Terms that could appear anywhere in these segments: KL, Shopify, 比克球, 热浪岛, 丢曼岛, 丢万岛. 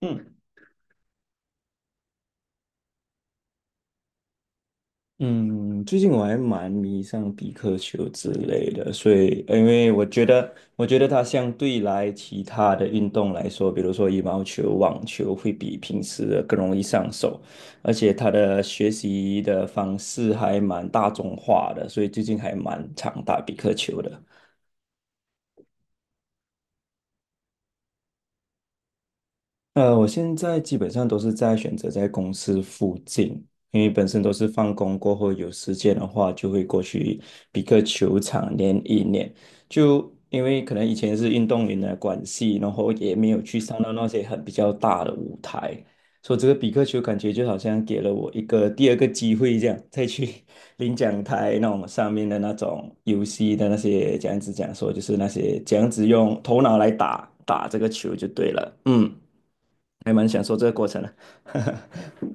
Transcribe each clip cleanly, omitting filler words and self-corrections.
嗯嗯，最近我还蛮迷上比克球之类的，所以因为我觉得它相对来其他的运动来说，比如说羽毛球、网球，会比平时的更容易上手，而且它的学习的方式还蛮大众化的，所以最近还蛮常打比克球的。我现在基本上都是在选择在公司附近，因为本身都是放工过后有时间的话，就会过去比克球场练一练。就因为可能以前是运动员的关系，然后也没有去上到那些很比较大的舞台，所以这个比克球感觉就好像给了我一个第二个机会，这样再去 领奖台那种上面的那种游戏的那些这样子讲说，就是那些这样子用头脑来打打这个球就对了，嗯。还蛮享受这个过程的。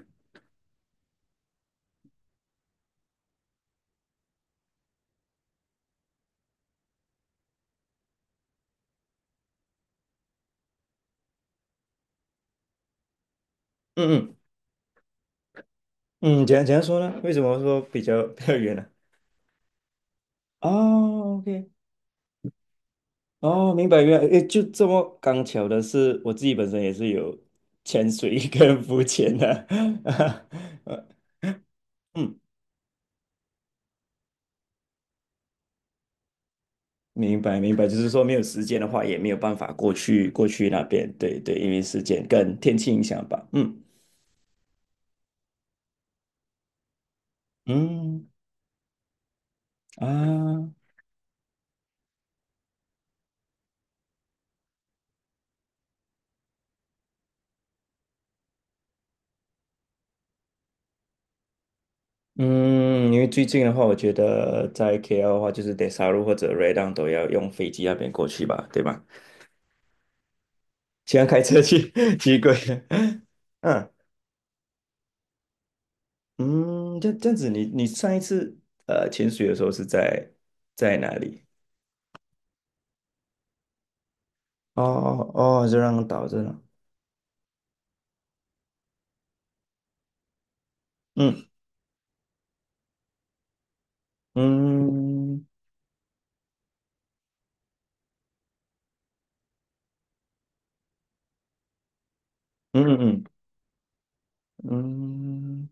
嗯嗯嗯，怎样说呢？为什么说比较远呢？哦，OK，哦，明白明白，诶，就这么刚巧的是，我自己本身也是有潜水 跟浮潜的。呃嗯，明白明白，就是说没有时间的话，也没有办法过去那边，对对，因为时间跟天气影响吧。嗯嗯啊。嗯，因为最近的话，我觉得在 KL 的话，就是 Des 或者 Redan 都要用飞机那边过去吧，对吧？喜欢开车去。 奇怪。嗯嗯，这样子你上一次潜水的时候是在哪里？哦哦哦，热浪岛，热浪。嗯嗯嗯嗯嗯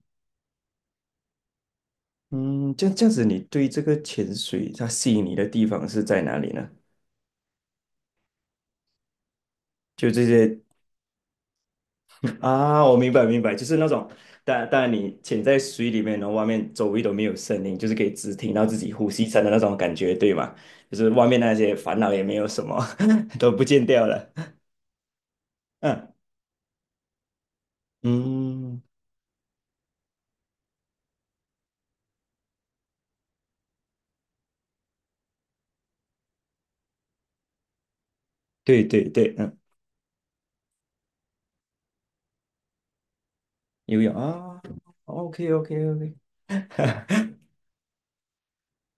嗯，这样子，你对这个潜水它吸引你的地方是在哪里呢？就这些。啊，我明白明白，就是那种，但你潜在水里面，然后外面周围都没有声音，就是可以只听到自己呼吸声的那种感觉，对吗？就是外面那些烦恼也没有什么。都不见掉了。嗯嗯，对对对，嗯，游泳啊，OK OK OK，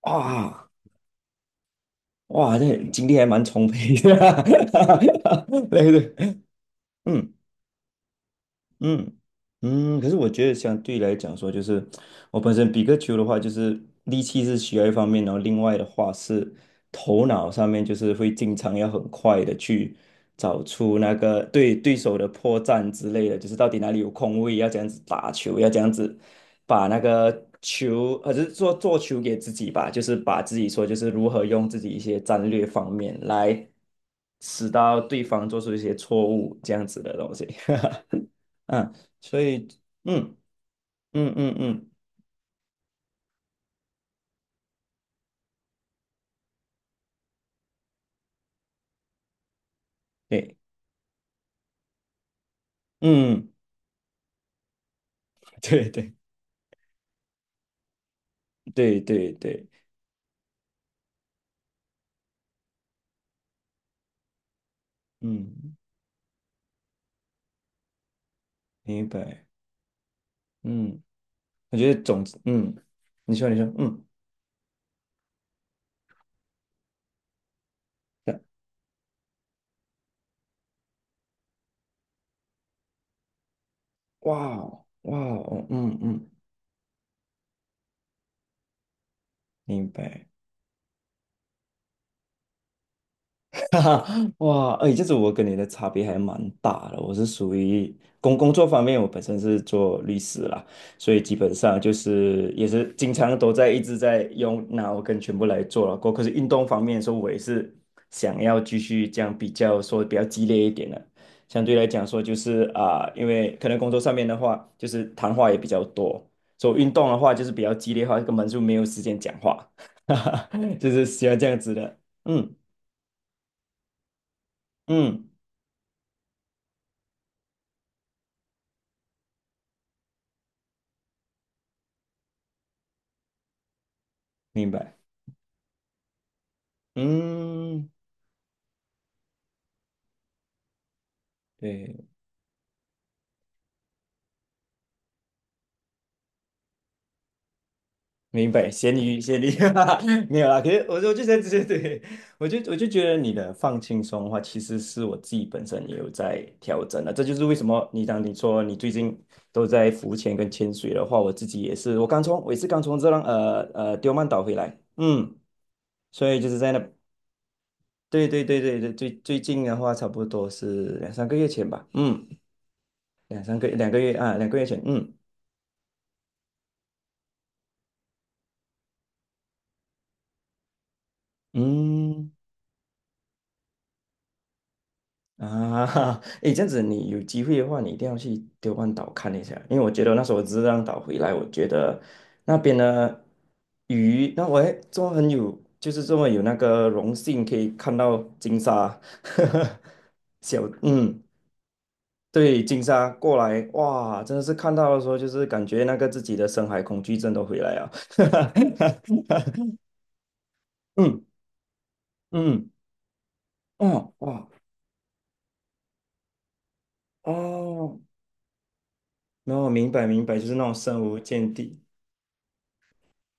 哇哇，这精力还蛮充沛的。对对，嗯。嗯可是我觉得相对来讲说，就是我本身比个球的话，就是力气是需要一方面，然后另外的话是头脑上面，就是会经常要很快的去找出那个对手的破绽之类的，就是到底哪里有空位，要这样子打球，要这样子把那个球，或者是做做球给自己吧，就是把自己说就是如何用自己一些战略方面来使到对方做出一些错误这样子的东西。嗯，所以，嗯嗯嗯嗯，对，嗯。对对对对对，嗯，明白，嗯，我觉得总之，嗯，你说你说，嗯，对。哇哦哇哦，嗯嗯，明白。哈哈，哇，哎，这是我跟你的差别还蛮大的。我是属于工作方面，我本身是做律师啦，所以基本上就是也是经常都在一直在用脑跟全部来做了。可是运动方面说，我也是想要继续这样比较说比较激烈一点的。相对来讲说，就是啊、因为可能工作上面的话，就是谈话也比较多，所以运动的话就是比较激烈的话，根本就没有时间讲话。哈哈，就是喜欢这样子的。嗯嗯。明白，嗯，对，明白，咸鱼，咸鱼。哈哈没有啦。可是我就在这些，对，我就觉得你的放轻松的话，其实是我自己本身也有在调整的。这就是为什么当你说你最近都在浮潜跟潜水的话，我自己也是，我也是刚从丢曼岛回来，嗯，所以就是在那，对对对对对，最近的话，差不多是两三个月前吧，嗯，两三个两个月啊，两个月前，嗯嗯。啊。诶，这样子你有机会的话，你一定要去丢万岛看一下，因为我觉得那时候我只是浪岛回来，我觉得那边的鱼，那我还这么很有，就是这么有那个荣幸可以看到金沙。小，嗯，对，金沙过来，哇，真的是看到的时候，就是感觉那个自己的深海恐惧症都回来了。嗯嗯，哦哇哦，然后明白明白，就是那种深无见底。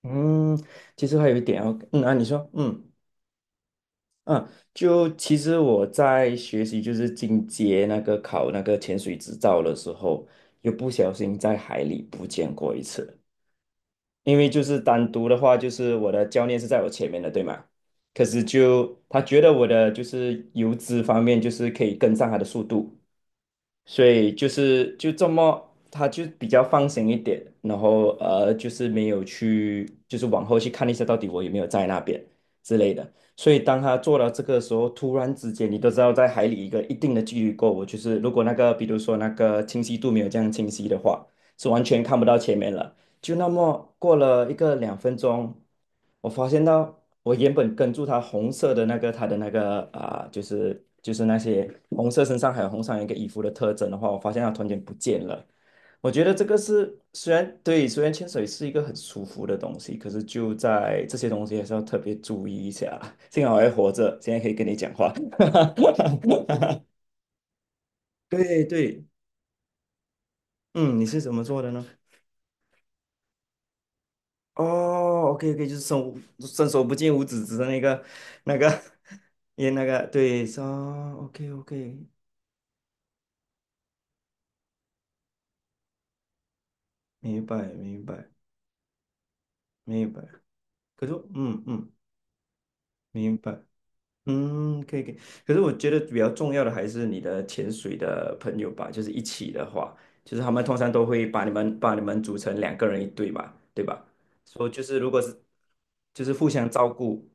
嗯，其实还有一点哦，嗯啊，你说，嗯，就其实我在学习就是进阶那个考那个潜水执照的时候，又不小心在海里不见过一次，因为就是单独的话，就是我的教练是在我前面的，对吗？可是就他觉得我的就是游姿方面，就是可以跟上他的速度，所以就是就这么，他就比较放心一点，然后就是没有去，就是往后去看一下到底我有没有在那边之类的。所以当他做到这个时候，突然之间，你都知道在海里一个一定的距离过，我就是如果那个比如说那个清晰度没有这样清晰的话，是完全看不到前面了。就那么过了一个2分钟，我发现到我原本跟住他红色的那个他的那个啊、就是那些红色身上还有红上一个衣服的特征的话，我发现它突然间不见了。我觉得这个是虽然对，虽然潜水是一个很舒服的东西，可是就在这些东西还是要特别注意一下。幸好我还活着，现在可以跟你讲话。对对，嗯，你是怎么做的呢？哦，OK OK，就是伸手不见五指指的那个 也那个对，是 OK OK，明白明白明白。可是我明白，嗯，可以可以。可是我觉得比较重要的还是你的潜水的朋友吧，就是一起的话，就是他们通常都会把你们组成两个人一队嘛，对吧？说就是如果是就是互相照顾。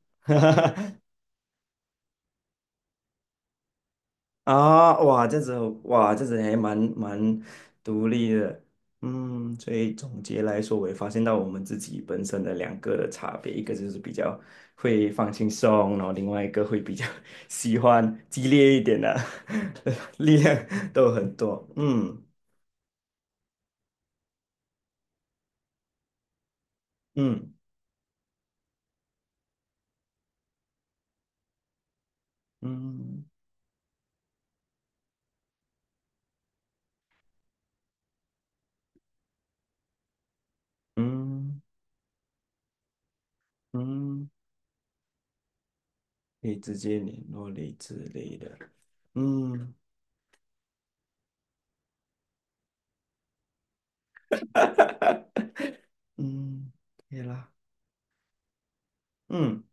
啊，哇，这样子哇，这样子还蛮独立的，嗯，所以总结来说，我也发现到我们自己本身的两个的差别，一个就是比较会放轻松，然后另外一个会比较 喜欢激烈一点的。力量都很多，嗯嗯嗯嗯嗯，可以直接联络类之类的，嗯嗯，可以啦，嗯。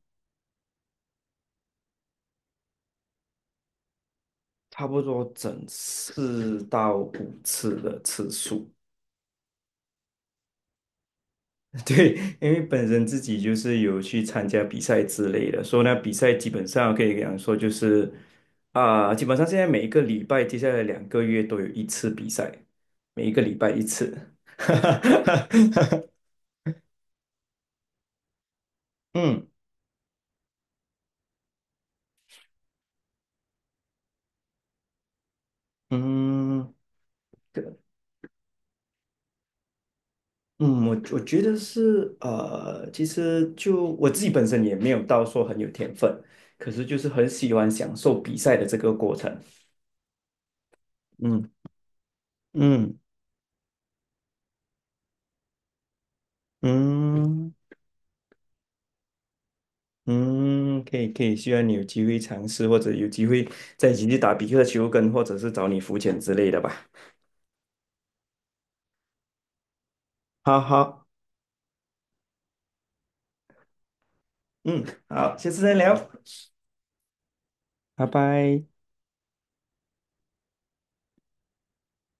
差不多整4到5次的次数。对，因为本身自己就是有去参加比赛之类的，所以呢，比赛基本上可以讲说就是啊、基本上现在每一个礼拜，接下来两个月都有一次比赛，每一个礼拜一次。嗯嗯。嗯，我觉得是其实就我自己本身也没有到说很有天分，可是就是很喜欢享受比赛的这个过程。嗯嗯嗯嗯，可以可以，希望你有机会尝试，或者有机会再一起去打比克球跟，或者是找你浮潜之类的吧。好好，嗯，好，下次再聊，拜拜。